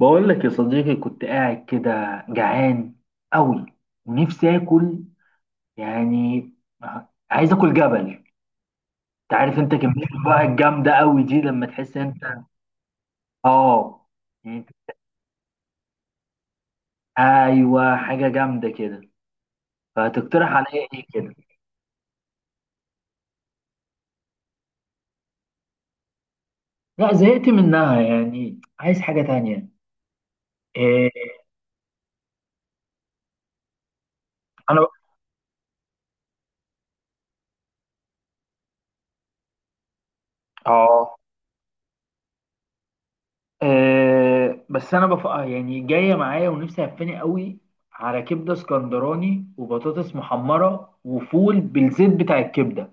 بقول لك يا صديقي، كنت قاعد كده جعان قوي ونفسي اكل. يعني عايز اكل جبل. انت عارف انت كمية بقى الجامدة قوي دي لما تحس انت. اه، يعني ايوه حاجة جامدة كده. فتقترح عليا ايه كده؟ لا زهقت منها، يعني عايز حاجة تانية. إيه؟ انا اه، بس انا بف... آه، يعني جايه معايا ونفسي هفاني قوي على كبده اسكندراني وبطاطس محمره وفول بالزيت بتاع الكبده.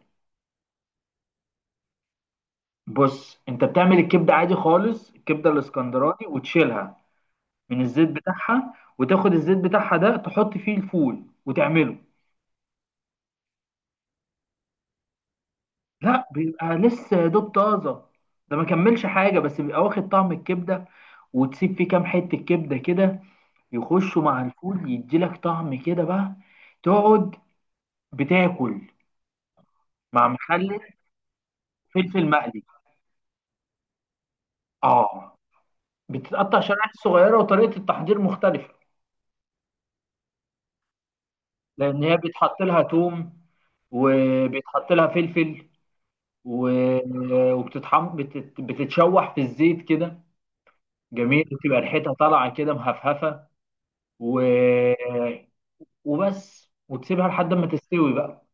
بص انت بتعمل الكبده عادي خالص، الكبده الاسكندراني وتشيلها من الزيت بتاعها، وتاخد الزيت بتاعها ده تحط فيه الفول وتعمله. لا بيبقى لسه يا دوب طازه، ده ما كملش حاجه، بس بيبقى واخد طعم الكبده. وتسيب فيه كام حته كبده كده يخشوا مع الفول، يديلك طعم كده بقى. تقعد بتاكل مع مخلل، فلفل مقلي. اه، بتتقطع شرائح صغيره وطريقه التحضير مختلفه. لان هي بيتحط لها توم، وبيتحط لها فلفل، وبتتحم بتتشوح في الزيت كده. جميل، وتبقى ريحتها طالعه كده مهفهفه. و... وبس، وتسيبها لحد ما تستوي بقى.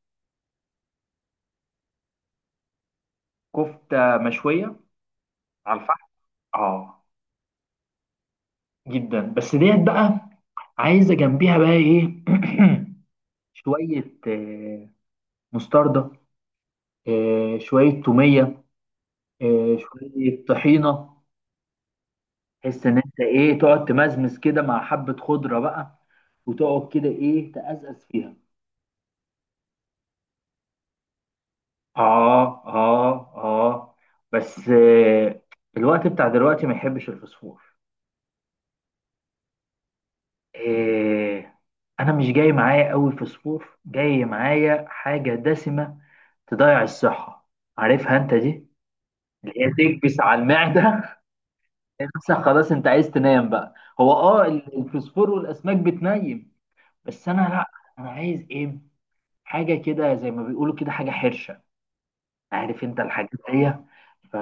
كفته مشويه على الفحم. اه جدا، بس ديت بقى عايزه جنبيها بقى ايه؟ شويه مستردة، شوية تومية، شوية طحينة. تحس إن أنت إيه، تقعد تمزمز كده مع حبة خضرة بقى، وتقعد كده إيه، تأزأز فيها. آه آه آه، بس الوقت بتاع دلوقتي ما يحبش الفسفور. آه، أنا مش جاي معايا أوي فسفور، جاي معايا حاجة دسمة تضيع الصحة، عارفها أنت دي، اللي هي تكبس على المعدة. نفسك خلاص انت عايز تنام بقى. هو اه، الفوسفور والاسماك بتنيم، بس انا لا. انا عايز ايه، حاجه كده زي ما بيقولوا كده، حاجه حرشه، عارف انت الحاجات دي. ف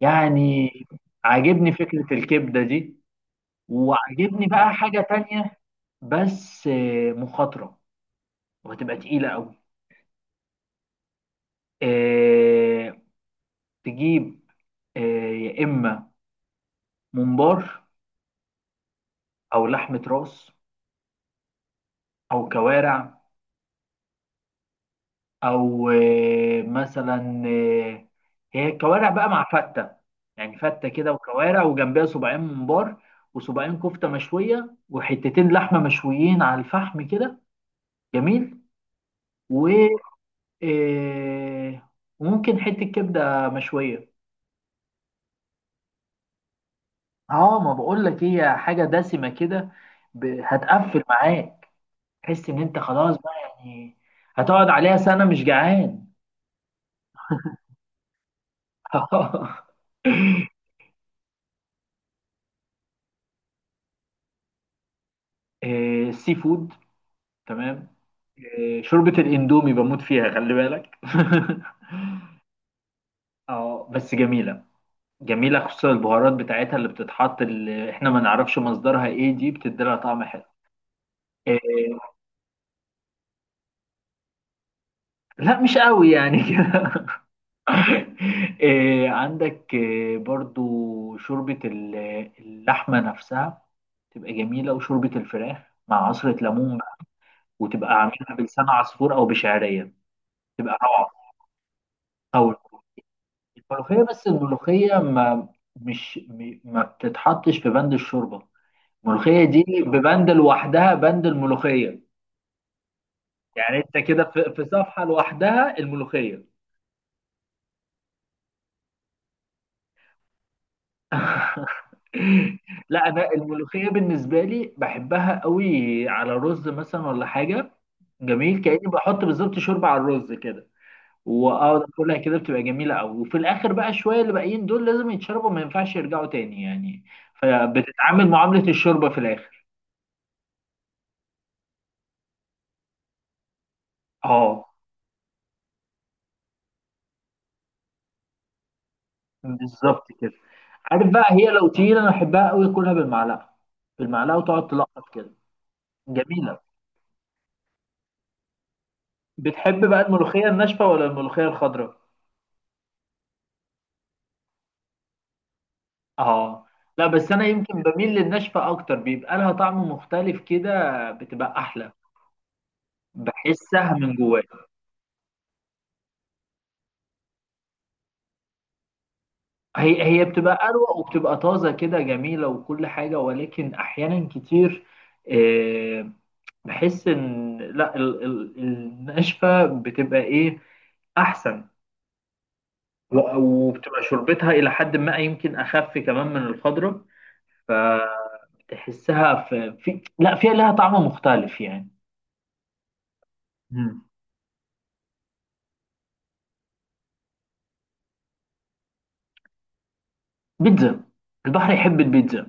يعني عاجبني فكره الكبده دي، وعاجبني بقى حاجه تانية. بس مخاطره وهتبقى تقيله قوي. آه، تجيب يا اما ممبار، او لحمه راس، او كوارع، او مثلا هي كوارع بقى مع فته. يعني فته كده وكوارع وجنبها صباعين ممبار، وصباعين كفته مشويه، وحتتين لحمه مشويين على الفحم كده. جميل. و آه، وممكن حته كبده مشويه. اه، ما بقول لك إيه، هي حاجه دسمه كده، هتقفل معاك. تحس ان انت خلاص بقى يعني. هتقعد عليها سنه مش جعان. السي فود. تمام. شوربة الاندومي بموت فيها، خلي بالك. اه بس جميلة. جميلة خصوصا البهارات بتاعتها اللي بتتحط، اللي احنا ما نعرفش مصدرها ايه دي، بتدي لها طعم حلو. آه، لا مش قوي يعني كده. عندك برضو شوربة اللحمة نفسها، تبقى جميلة. وشوربة الفراخ مع عصرة ليمون بقى، وتبقى عاملها بلسان عصفور أو بشعرية، تبقى روعة. الملوخية، بس الملوخية ما، مش م- ما بتتحطش في بند الشوربة. الملوخية دي ببند لوحدها، بند الملوخية. يعني انت كده في صفحة لوحدها الملوخية. لا انا الملوخية بالنسبة لي بحبها قوي على رز مثلا ولا حاجة. جميل، كأني بحط بالظبط شوربة على الرز كده، واقعد اكلها كده، بتبقى جميلة قوي. وفي الاخر بقى شوية اللي باقيين دول لازم يتشربوا، ما ينفعش يرجعوا تاني يعني، فبتتعامل معاملة الشوربة في الاخر. اه. بالظبط كده. عارف بقى، هي لو تقيلة انا احبها قوي اكلها بالمعلقة، بالمعلقة وتقعد تلقط كده. جميلة. بتحب بقى الملوخية الناشفة ولا الملوخية الخضراء؟ اه، لا بس انا يمكن بميل للناشفة اكتر، بيبقى لها طعم مختلف كده، بتبقى احلى. بحسها من جوايا. هي هي بتبقى اروق وبتبقى طازة كده جميلة وكل حاجة، ولكن احيانا كتير آه، بحس ان لا، الناشفة بتبقى ايه، احسن. وبتبقى شربتها إلى حد ما يمكن أخف كمان من الخضرة. فتحسها في, في لا فيها لها طعم مختلف يعني. مم. بيتزا. البحر يحب البيتزا.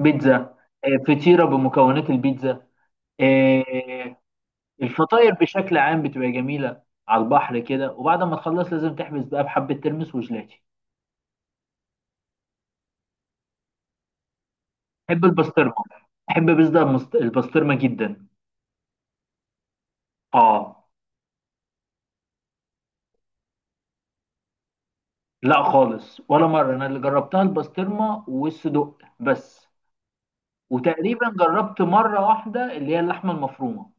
بيتزا. آه، فطيرة بمكونات البيتزا. آه، الفطاير بشكل عام بتبقى جميلة على البحر كده، وبعد ما تخلص لازم تحبس بقى بحبة ترمس وجلاتي. بحب البسطرمة. بحب بيتزا البسطرمة جدا. اه، لا خالص ولا مرة، أنا اللي جربتها البسطرمة والصدق بس. وتقريبا جربت مرة واحدة اللي هي اللحمة المفرومة.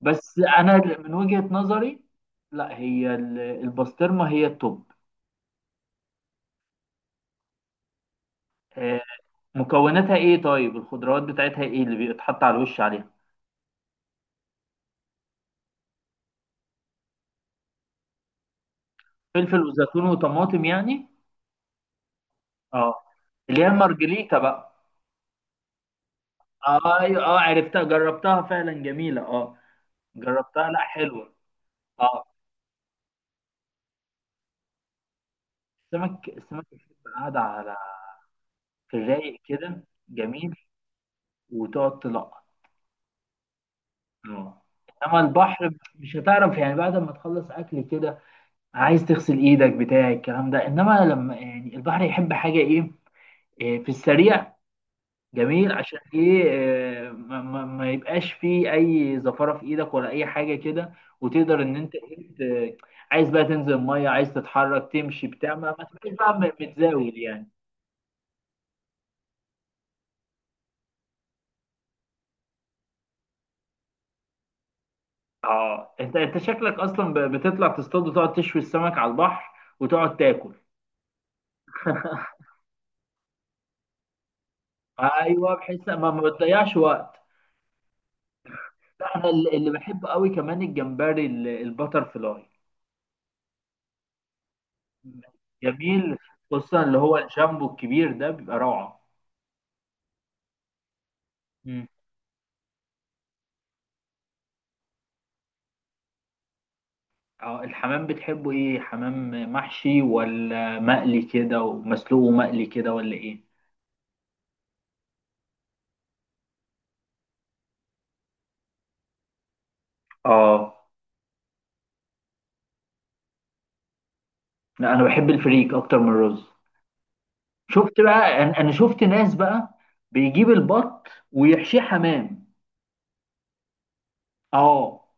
بس أنا من وجهة نظري، لا هي البسطرمة هي التوب. آه، مكوناتها إيه طيب؟ الخضروات بتاعتها إيه اللي بيتحط على الوش عليها؟ فلفل وزيتون وطماطم يعني. اه، اللي هي المارجريتا بقى. آه، ايوه اه عرفتها جربتها فعلا جميلة اه. جربتها، لا حلوة. اه، السمك، السمك بتبقى قاعدة على في الرايق كده جميل، وتقعد تلقط، اه. انما البحر مش هتعرف يعني بعد ما تخلص اكل كده، عايز تغسل ايدك بتاع الكلام ده. انما لما يعني البحر يحب حاجه ايه، إيه، في السريع، جميل. عشان ايه إيه، ما يبقاش فيه اي زفاره في ايدك ولا اي حاجه كده. وتقدر ان انت إيه، ت- عايز بقى تنزل الميه، عايز تتحرك تمشي بتاع ما تبقاش بقى متزاول يعني. اه، انت شكلك اصلا بتطلع تصطاد وتقعد تشوي السمك على البحر وتقعد تاكل. ايوه، بحيث ما بتضيعش وقت. لا انا اللي بحبه قوي كمان الجمبري البتر فلاي. جميل، خصوصا اللي هو الجامبو الكبير ده بيبقى روعه. مم. اه الحمام، بتحبه ايه؟ حمام محشي ولا مقلي كده ومسلوق ومقلي كده ولا ايه؟ اه، لا انا بحب الفريك اكتر من الرز. شفت بقى، أنا شفت ناس بقى بيجيب البط ويحشيه حمام. اه،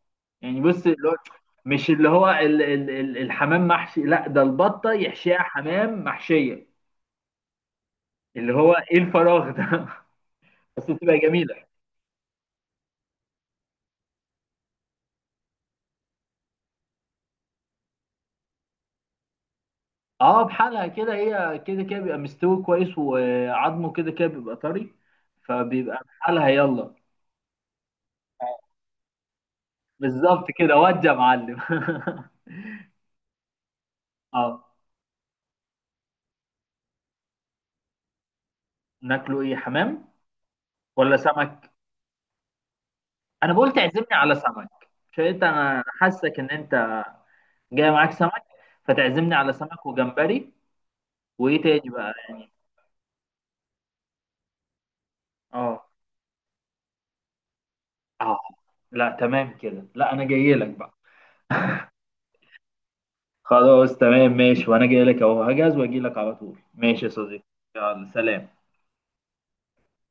يعني بص اللي هو، مش اللي هو ال ال ال الحمام محشي، لا ده البطه يحشيها حمام محشيه. اللي هو ايه الفراغ ده. بس بتبقى جميله. اه، بحالها كده، هي كده كده بيبقى مستوي كويس، وعظمه كده كده بيبقى طري، فبيبقى بحالها يلا. بالظبط كده، ودي يا معلم. اه، ناكله ايه، حمام ولا سمك؟ انا بقول تعزمني على سمك، مش انت انا حاسك ان انت جاي معاك سمك، فتعزمني على سمك وجمبري. وايه تاني بقى يعني؟ اه، اه، لا تمام كده، لا انا جاي لك بقى. خلاص تمام ماشي، وانا جاي لك اهو، هجهز واجي لك على طول. ماشي يا صديقي. يلا سلام.